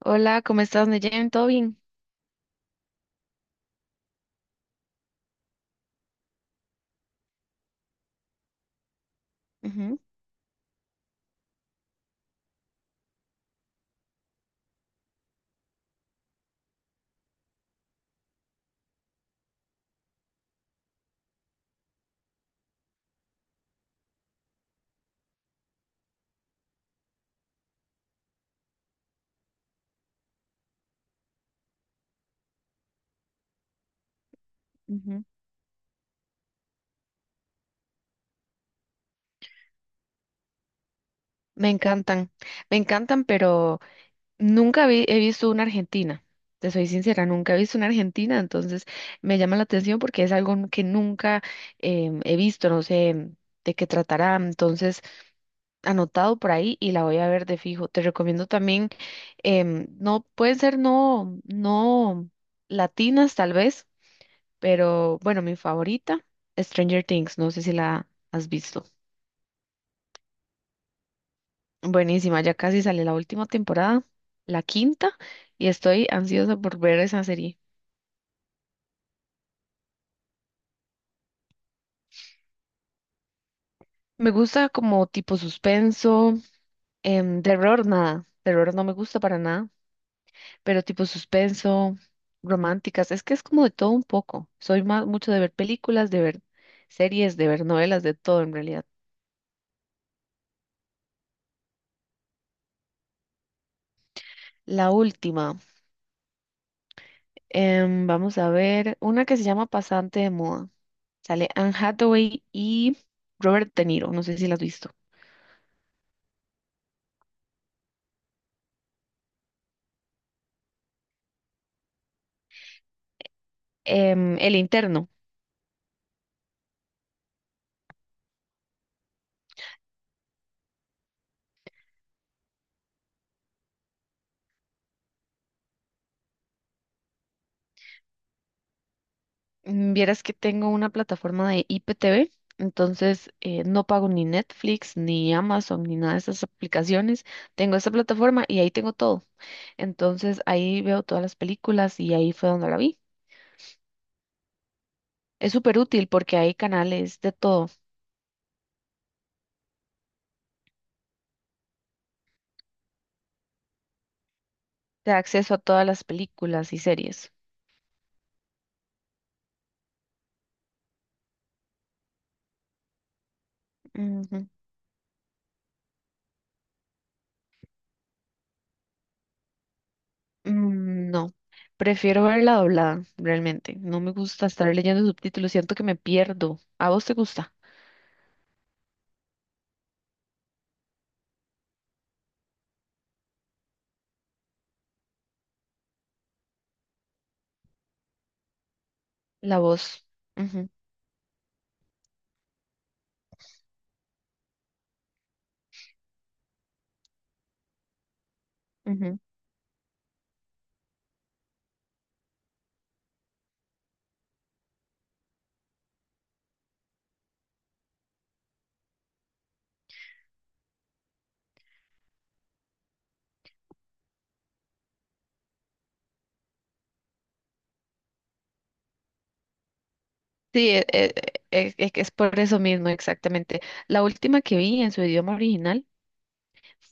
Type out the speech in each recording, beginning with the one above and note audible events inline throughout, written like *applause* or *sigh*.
Hola, ¿cómo estás, Neyen? ¿Todo bien? Ujú, ujú. Me encantan, me encantan, pero nunca vi- he visto una Argentina. Te soy sincera, nunca he visto una Argentina, entonces me llama la atención porque es algo que nunca he visto, no sé de qué tratará. Entonces, anotado por ahí y la voy a ver de fijo. Te recomiendo también, no pueden ser no latinas tal vez, pero bueno, mi favorita, Stranger Things, no sé si la has visto. Buenísima, ya casi sale la última temporada, la quinta, y estoy ansiosa por ver esa serie. Me gusta como tipo suspenso, terror nada, terror no me gusta para nada, pero tipo suspenso, románticas, es que es como de todo un poco. Soy más mucho de ver películas, de ver series, de ver novelas, de todo en realidad. La última, vamos a ver una que se llama Pasante de Moda. Sale Anne Hathaway y Robert De Niro, no sé si la has visto. El interno. Mm, vieras que tengo una plataforma de IPTV, entonces no pago ni Netflix, ni Amazon, ni nada de esas aplicaciones. Tengo esa plataforma y ahí tengo todo. Entonces ahí veo todas las películas y ahí fue donde la vi. Es súper útil porque hay canales de todo, de acceso a todas las películas y series. Ujú. Mm, no, prefiero verla doblada, realmente. No me gusta estar leyendo subtítulos, siento que me pierdo. ¿A vos te gusta? La voz. Ujú, ujú. Sí, es, que es por eso mismo, exactamente. La última que vi en su idioma original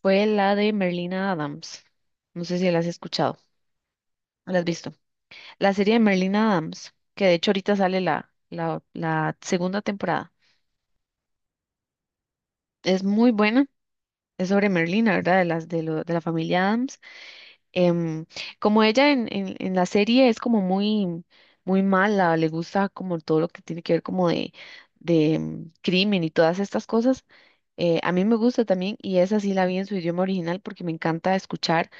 fue la de Merlina Adams. No sé si la has escuchado, o la has visto. La serie de Merlina Adams, que de hecho ahorita sale la segunda temporada. Es muy buena. Es sobre Merlina, ¿verdad? De las de, de la familia Adams. Em, como ella en la serie es como muy, muy mala, le gusta como todo lo que tiene que ver como de crimen y todas estas cosas. A mí me gusta también y esa sí la vi en su idioma original porque me encanta escuchar,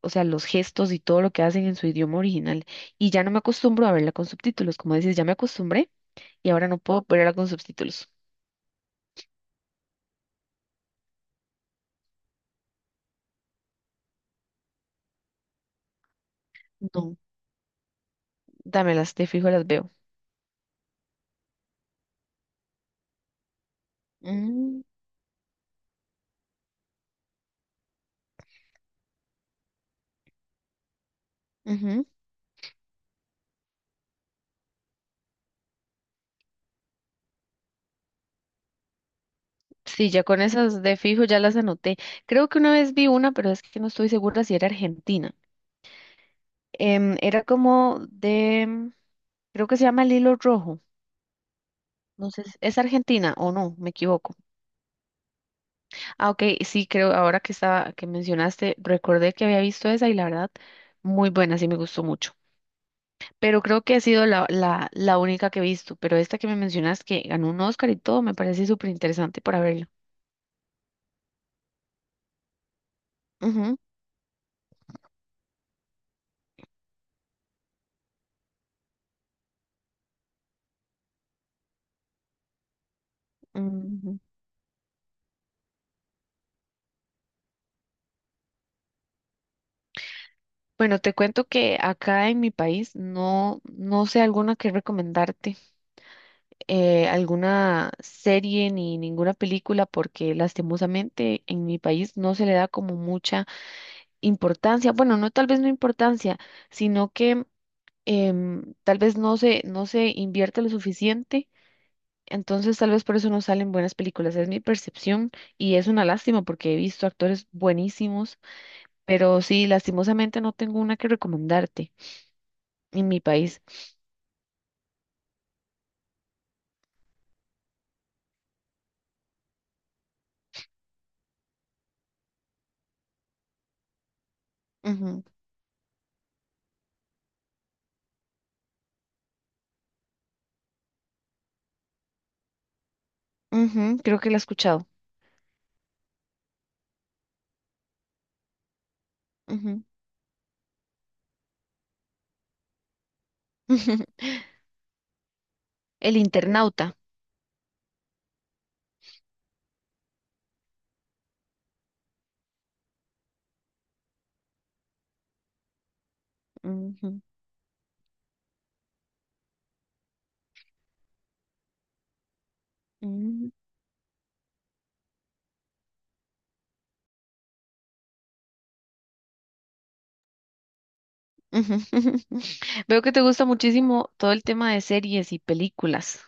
o sea, los gestos y todo lo que hacen en su idioma original. Y ya no me acostumbro a verla con subtítulos, como dices, ya me acostumbré y ahora no puedo verla con subtítulos. No, dámelas, de fijo las veo. Mm, ujú. Sí, ya con esas de fijo ya las anoté. Creo que una vez vi una, pero es que no estoy segura si era Argentina. Era como de, creo que se llama El Hilo Rojo. No sé, ¿es Argentina o no? Me equivoco. Ah, ok, sí, creo, ahora que estaba, que mencionaste, recordé que había visto esa y la verdad, muy buena, sí me gustó mucho. Pero creo que ha sido la única que he visto, pero esta que me mencionas que ganó un Oscar y todo, me parece súper interesante para verla. Ujú, ujú. Bueno, te cuento que acá en mi país no sé alguna que recomendarte, alguna serie ni ninguna película, porque lastimosamente en mi país no se le da como mucha importancia, bueno, no tal vez no importancia, sino que tal vez no se invierte lo suficiente, entonces tal vez por eso no salen buenas películas, es mi percepción y es una lástima porque he visto actores buenísimos, pero sí, lastimosamente no tengo una que recomendarte en mi país. Ujú, ujú, creo que la he escuchado. Ujú. *laughs* ujú. El internauta. Ujú, ujú, ujú. *laughs* Veo que te gusta muchísimo todo el tema de series y películas.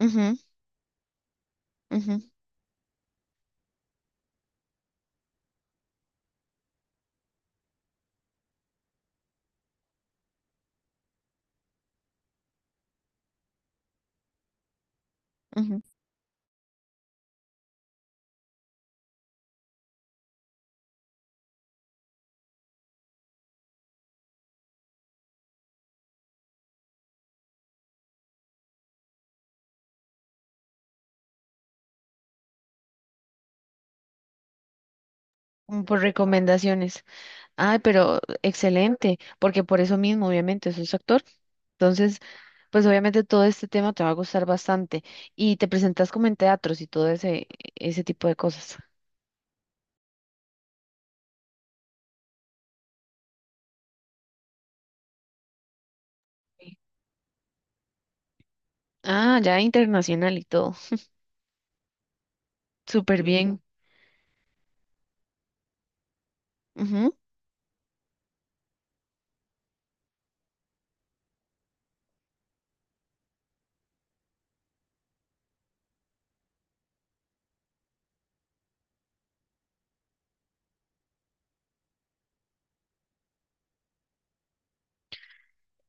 Ujú, ujú. Ujú, mm, por recomendaciones. Ay, pero excelente, porque por eso mismo, obviamente, sos actor. Entonces, pues obviamente todo este tema te va a gustar bastante. Y te presentas como en teatros y todo ese, ese tipo de cosas. Sí. Ah, ya internacional y todo. Súper. Sí, bien. Ujú.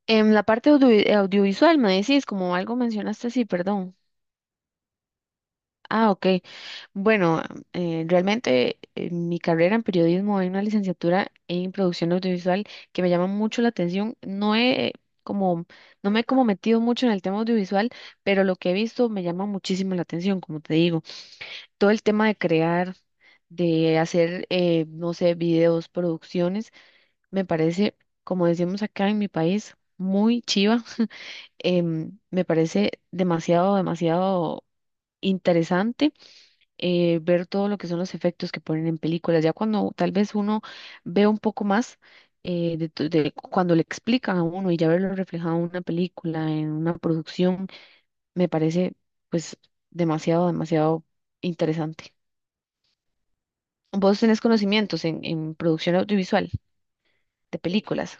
En la parte audiovisual, me decís, como algo mencionaste, sí, perdón. Ah, ok. Bueno, realmente mi carrera en periodismo hay una licenciatura en producción audiovisual que me llama mucho la atención. No he como, no me he como metido mucho en el tema audiovisual, pero lo que he visto me llama muchísimo la atención, como te digo. Todo el tema de crear, de hacer, no sé, videos, producciones, me parece, como decimos acá en mi país, muy chiva. Me parece demasiado, demasiado interesante, ver todo lo que son los efectos que ponen en películas. Ya cuando tal vez uno ve un poco más, de, de cuando le explican a uno y ya verlo reflejado en una película, en una producción, me parece pues demasiado, demasiado interesante. ¿Vos tenés conocimientos en producción audiovisual de películas?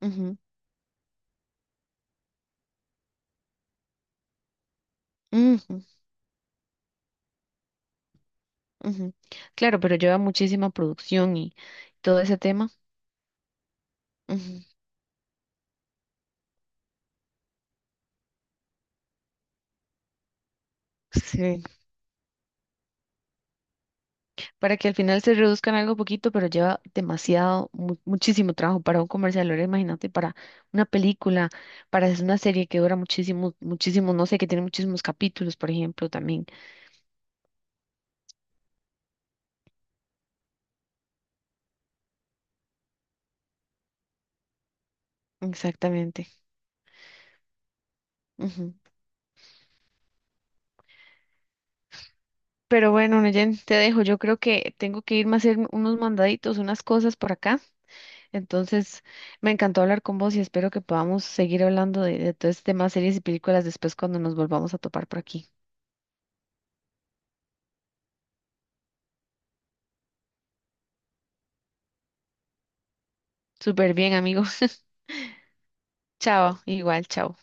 Ujú, ujú, ujú. Claro, pero lleva muchísima producción y todo ese tema. Ujú, sí, para que al final se reduzcan algo poquito, pero lleva demasiado, muchísimo trabajo para un comercial. Ahora imagínate para una película, para hacer una serie que dura muchísimo, muchísimo, no sé, que tiene muchísimos capítulos, por ejemplo, también. Exactamente. Ujú. Pero bueno, Neyen, te dejo. Yo creo que tengo que irme a hacer unos mandaditos, unas cosas por acá. Entonces, me encantó hablar con vos y espero que podamos seguir hablando de todo este tema, series y películas después cuando nos volvamos a topar por aquí. Súper bien, amigo. *laughs* Chao, igual, chao.